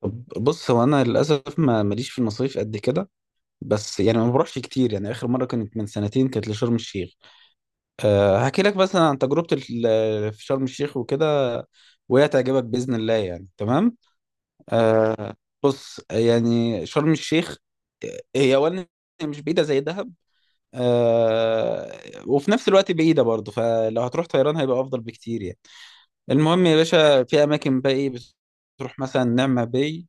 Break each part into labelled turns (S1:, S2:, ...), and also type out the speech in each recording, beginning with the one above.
S1: طب بص، هو انا للاسف ما ماليش في المصايف قد كده. بس يعني ما بروحش كتير. يعني اخر مره كانت من سنتين، كانت لشرم الشيخ. أه، هحكي لك مثلا عن تجربتي في شرم الشيخ وكده، وهي تعجبك باذن الله يعني. تمام، أه. بص يعني شرم الشيخ، آه، هي اولا هي مش بعيده زي دهب. أه، وفي نفس الوقت بعيده برضه، فلو هتروح طيران هيبقى افضل بكتير يعني. المهم يا باشا، في اماكن بقى ايه، بتروح مثلا نعمة باي.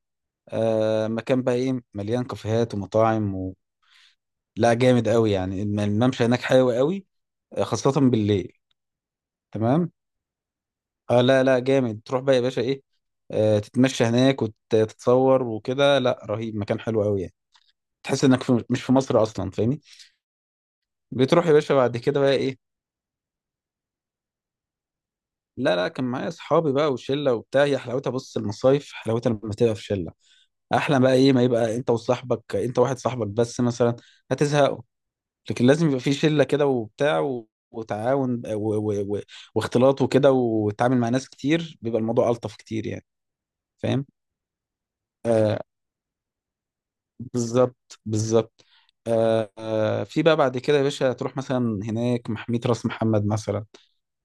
S1: آه، مكان بقى ايه، مليان كافيهات ومطاعم لا جامد قوي يعني. الممشى هناك حلو قوي، آه، خاصة بالليل. تمام. اه، لا لا، جامد. تروح بقى يا باشا ايه، آه، تتمشى هناك وتتصور وكده. لا رهيب، مكان حلو قوي يعني. تحس انك مش في مصر اصلا، فاهمني. بتروح يا باشا بعد كده بقى ايه. لا لا، كان معايا اصحابي بقى وشله وبتاع. هي حلاوتها، بص، المصايف حلاوتها لما تبقى في شله. احلى بقى ايه، ما يبقى انت وصاحبك، انت واحد صاحبك بس مثلا هتزهق. لكن لازم يبقى في شله كده وبتاع وتعاون واختلاط وكده، وتتعامل مع ناس كتير، بيبقى الموضوع الطف كتير يعني. فاهم، آه، بالظبط بالظبط. آه، في بقى بعد كده يا باشا، تروح مثلا هناك محمية راس محمد مثلا.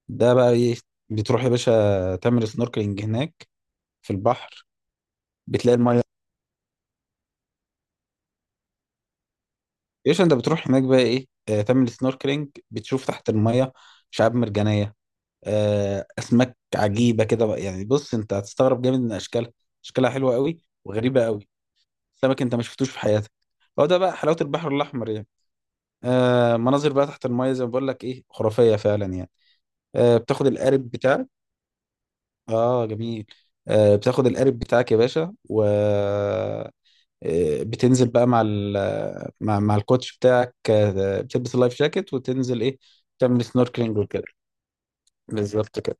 S1: ده بقى ايه، بتروح يا باشا تعمل سنوركلينج هناك في البحر. بتلاقي الميه، يا باشا انت بتروح هناك بقى ايه، آه، تعمل سنوركلينج، بتشوف تحت الميه شعاب مرجانيه، آه، اسماك عجيبه كده بقى. يعني بص، انت هتستغرب جامد من اشكالها. اشكالها حلوه قوي وغريبه قوي. سمك انت ما شفتوش في حياتك. هو ده بقى حلاوه البحر الاحمر يعني. آه، مناظر بقى تحت المايه زي ما بقول لك ايه، خرافيه فعلا يعني. آه، بتاخد القارب بتاعك. اه جميل. آه، بتاخد القارب بتاعك يا باشا، و آه، بتنزل بقى مع ال مع الكوتش بتاعك، آه، بتلبس اللايف جاكيت وتنزل ايه، تعمل سنوركلينج وكده. بالظبط كده.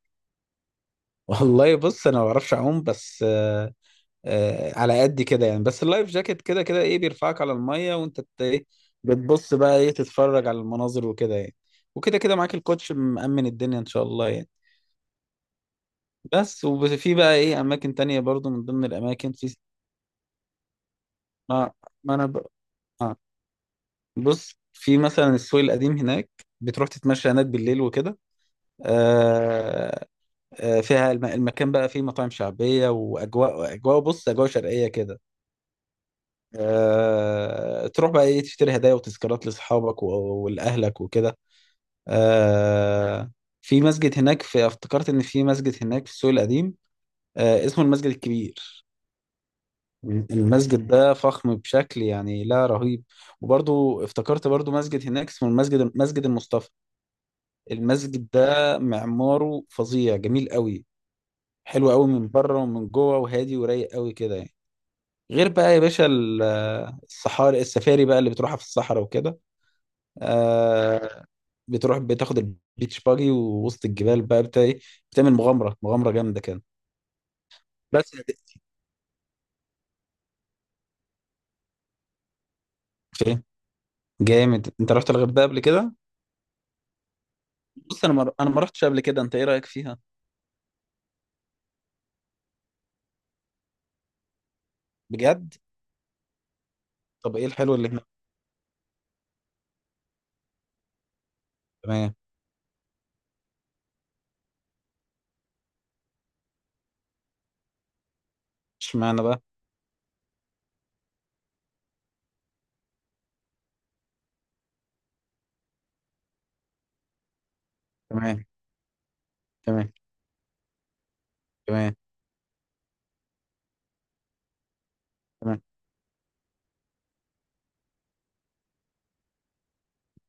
S1: والله بص انا ما بعرفش اعوم، بس آه، آه، على قد كده يعني. بس اللايف جاكيت كده كده ايه، بيرفعك على الميه وانت ايه، بتبص بقى ايه، تتفرج على المناظر وكده يعني. وكده كده معاك الكوتش، مأمن الدنيا ان شاء الله يعني. بس وفي بقى ايه اماكن تانية برضو، من ضمن الاماكن في ما, ما انا ب... آه. بص، في مثلا السوق القديم هناك، بتروح تتمشى هناك بالليل وكده، آه آه، فيها المكان بقى فيه مطاعم شعبية واجواء، بص اجواء شرقية كده، آه، تروح بقى ايه تشتري هدايا وتذكارات لاصحابك ولاهلك وكده، آه، في مسجد هناك، في افتكرت ان في مسجد هناك في السوق القديم، آه، اسمه المسجد الكبير. المسجد ده فخم بشكل يعني لا رهيب. وبرضو افتكرت برضو مسجد هناك اسمه مسجد المصطفى. المسجد ده معماره فظيع، جميل قوي، حلو قوي من بره ومن جوه، وهادي ورايق قوي كده يعني. غير بقى يا باشا الصحاري، السفاري بقى اللي بتروحها في الصحراء وكده. آه، بتروح بتاخد البيتش باجي ووسط الجبال بقى بتاع ايه، بتعمل مغامره جامده كده. بس. فين؟ جامد، انت رحت الغردقه قبل كده. بص انا ما رحتش قبل كده، انت ايه رايك فيها. بجد؟ طب ايه الحلو اللي هناك. تمام. اشمعنى بقى. تمام. تمام. تمام. تمام.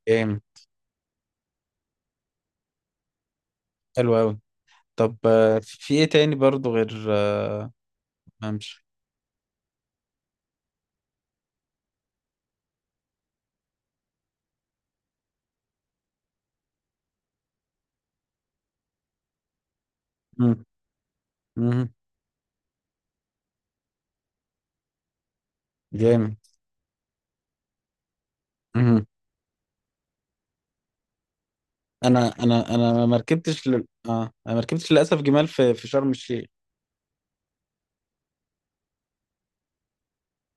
S1: جامد. حلو قوي. طب آه، في في ايه تاني برضو غير آه، ممشى. مم، مم، جامد. مم. انا ما ركبتش اه، انا ما ركبتش للاسف جمال في في شرم الشيخ.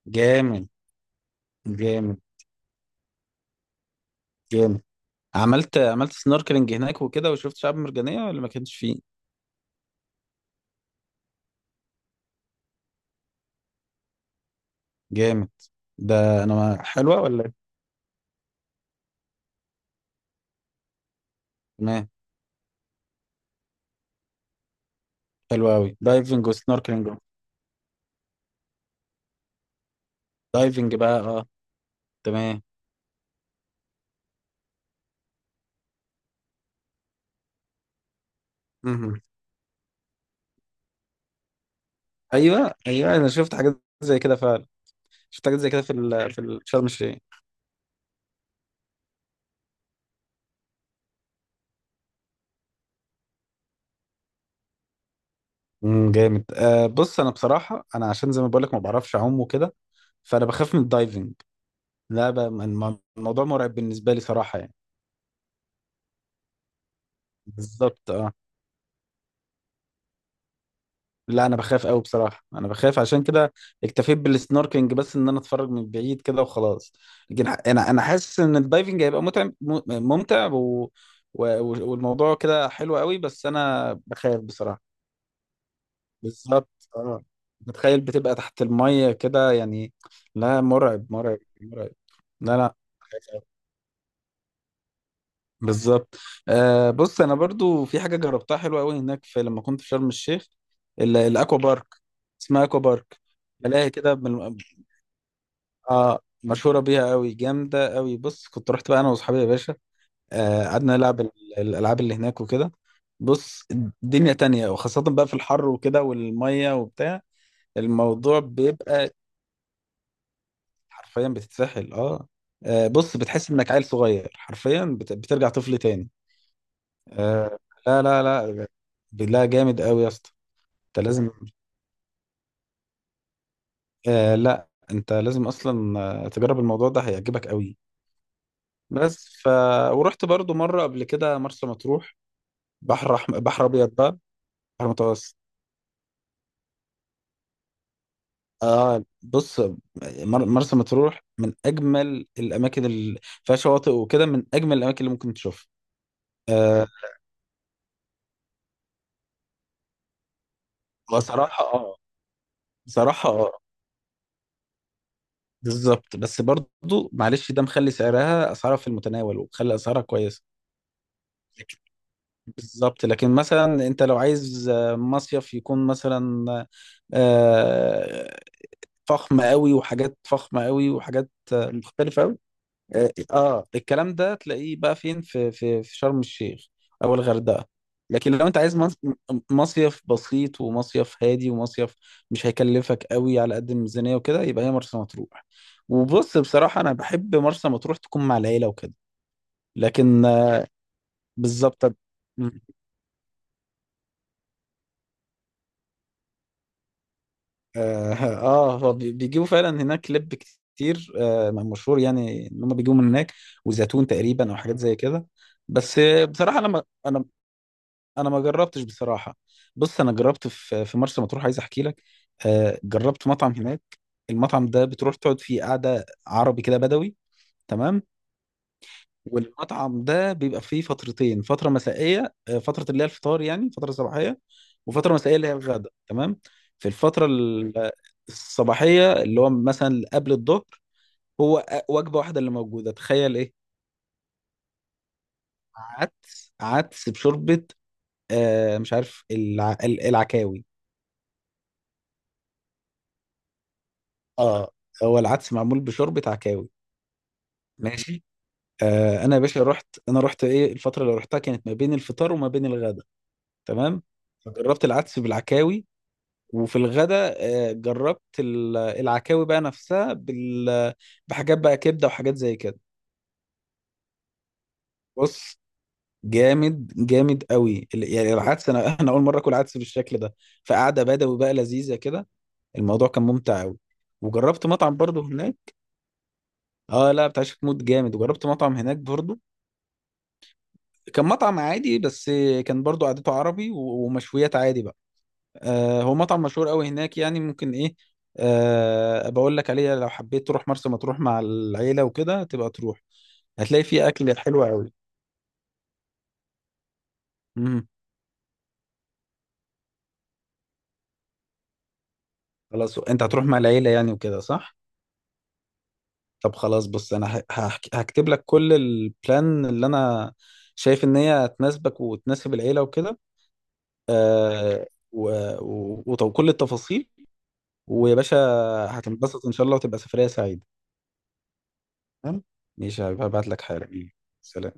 S1: جامد. جامد. جامد. عملت عملت سنوركلينج هناك وكده، وشفت شعاب مرجانية ولا ما كانش فيه. جامد. ده انا ما حلوة ولا إيه؟ تمام. حلوة قوي دايفنج وسنوركلينج. دايفنج بقى اه. تمام. مهم. ايوه ايوه، انا شفت حاجات زي كده فعلا. شفت حاجات زي كده في في شرم الشيخ. امم. جامد آه. بص انا بصراحة، انا عشان زي ما بقول لك ما بعرفش اعوم وكده، فانا بخاف من الدايفنج. لا بقى الموضوع مرعب بالنسبة لي صراحة يعني. بالظبط اه. لا انا بخاف قوي بصراحه، انا بخاف. عشان كده اكتفيت بالسنوركينج بس، ان انا اتفرج من بعيد كده وخلاص. لكن انا حاسس ان الدايفنج هيبقى ممتع و... والموضوع كده حلو قوي، بس انا بخاف بصراحه. بالظبط اه. بتخيل بتبقى تحت الميه كده يعني، لا مرعب مرعب مرعب. لا لا. بالظبط. آه بص، انا برضو في حاجه جربتها حلوه قوي هناك، في لما كنت في شرم الشيخ، الاكوا بارك. اسمها اكوا بارك، ملاهي كده اه، مشهوره بيها قوي، جامده قوي. بص، كنت رحت بقى انا واصحابي يا باشا، آه، قعدنا نلعب الالعاب اللي هناك وكده. بص، دنيا تانية. وخاصه بقى في الحر وكده، والميه وبتاع، الموضوع بيبقى حرفيا بتتسحل. اه آه، بص بتحس انك عيل صغير حرفيا، بترجع طفل تاني. آه. لا لا لا. لا جامد قوي يا اسطى. انت لازم، آه لا، انت لازم اصلا، آه، تجرب الموضوع ده، هيعجبك قوي. بس ف، ورحت برضو مره قبل كده مرسى مطروح. بحر ابيض بقى، بحر متوسط. اه بص، مرسى مطروح من اجمل الاماكن اللي فيها شواطئ وكده، من اجمل الاماكن اللي ممكن تشوفها. آه، بصراحه اه. بصراحه اه. بالظبط، بس برضو معلش، ده مخلي اسعارها في المتناول، ومخلي اسعارها كويسه. بالظبط. لكن مثلا انت لو عايز آه، مصيف يكون مثلا آه، فخم قوي، وحاجات فخمة قوي، وحاجات آه، مختلفة قوي. اه آه، الكلام ده تلاقيه بقى فين، في في في شرم الشيخ او الغردقة. لكن لو انت عايز مصيف بسيط، ومصيف هادي، ومصيف مش هيكلفك قوي على قد الميزانية وكده، يبقى هي مرسى مطروح. وبص بصراحة انا بحب مرسى مطروح تكون مع العيلة وكده. لكن آه، بالظبط اه. آه، بيجيبوا فعلا هناك لب كتير، آه مشهور يعني ان هم بيجيبوا من هناك، وزيتون تقريبا او حاجات زي كده. بس آه، بصراحه انا انا ما جربتش بصراحه. بص انا جربت في في مرسى مطروح، عايز احكي لك، آه جربت مطعم هناك. المطعم ده بتروح تقعد فيه قعده عربي كده، بدوي. تمام. والمطعم ده بيبقى فيه فترتين، فترة مسائية آه، فترة اللي هي الفطار يعني، فترة صباحية، وفترة مسائية اللي هي الغداء. تمام. في الفترة آه، الصباحية اللي هو مثلا قبل الظهر، هو وجبة واحدة اللي موجودة، تخيل ايه، عدس بشوربة، آه مش عارف العكاوي. اه، هو العدس معمول بشوربة عكاوي. ماشي. آه، انا يا باشا رحت، انا رحت ايه، الفترة اللي رحتها كانت ما بين الفطار وما بين الغداء. تمام. فجربت العدس بالعكاوي. وفي الغداء آه، جربت العكاوي بقى نفسها بحاجات بقى، كبده وحاجات زي كده. بص، جامد جامد قوي يعني العدس، انا اول مره اكل عدس بالشكل ده. فقعده بدوي بقى لذيذه كده، الموضوع كان ممتع قوي. وجربت مطعم برضه هناك. اه لا، بتاع شيخ، مود جامد. وجربت مطعم هناك برضه، كان مطعم عادي بس، كان برضه قعدته عربي ومشويات عادي بقى. آه، هو مطعم مشهور قوي هناك يعني، ممكن ايه، آه، بقول لك عليه لو حبيت تروح مرسى مطروح مع العيله وكده تبقى تروح، هتلاقي فيه اكل حلو قوي. امم. خلاص، انت هتروح مع العيله يعني وكده، صح؟ طب خلاص، بص انا هكتب لك كل البلان اللي انا شايف ان هي تناسبك وتناسب العيله وكده، آه، وكل التفاصيل. ويا باشا هتنبسط ان شاء الله، وتبقى سفريه سعيده. تمام، ماشي. هبعت لك حالا. سلام.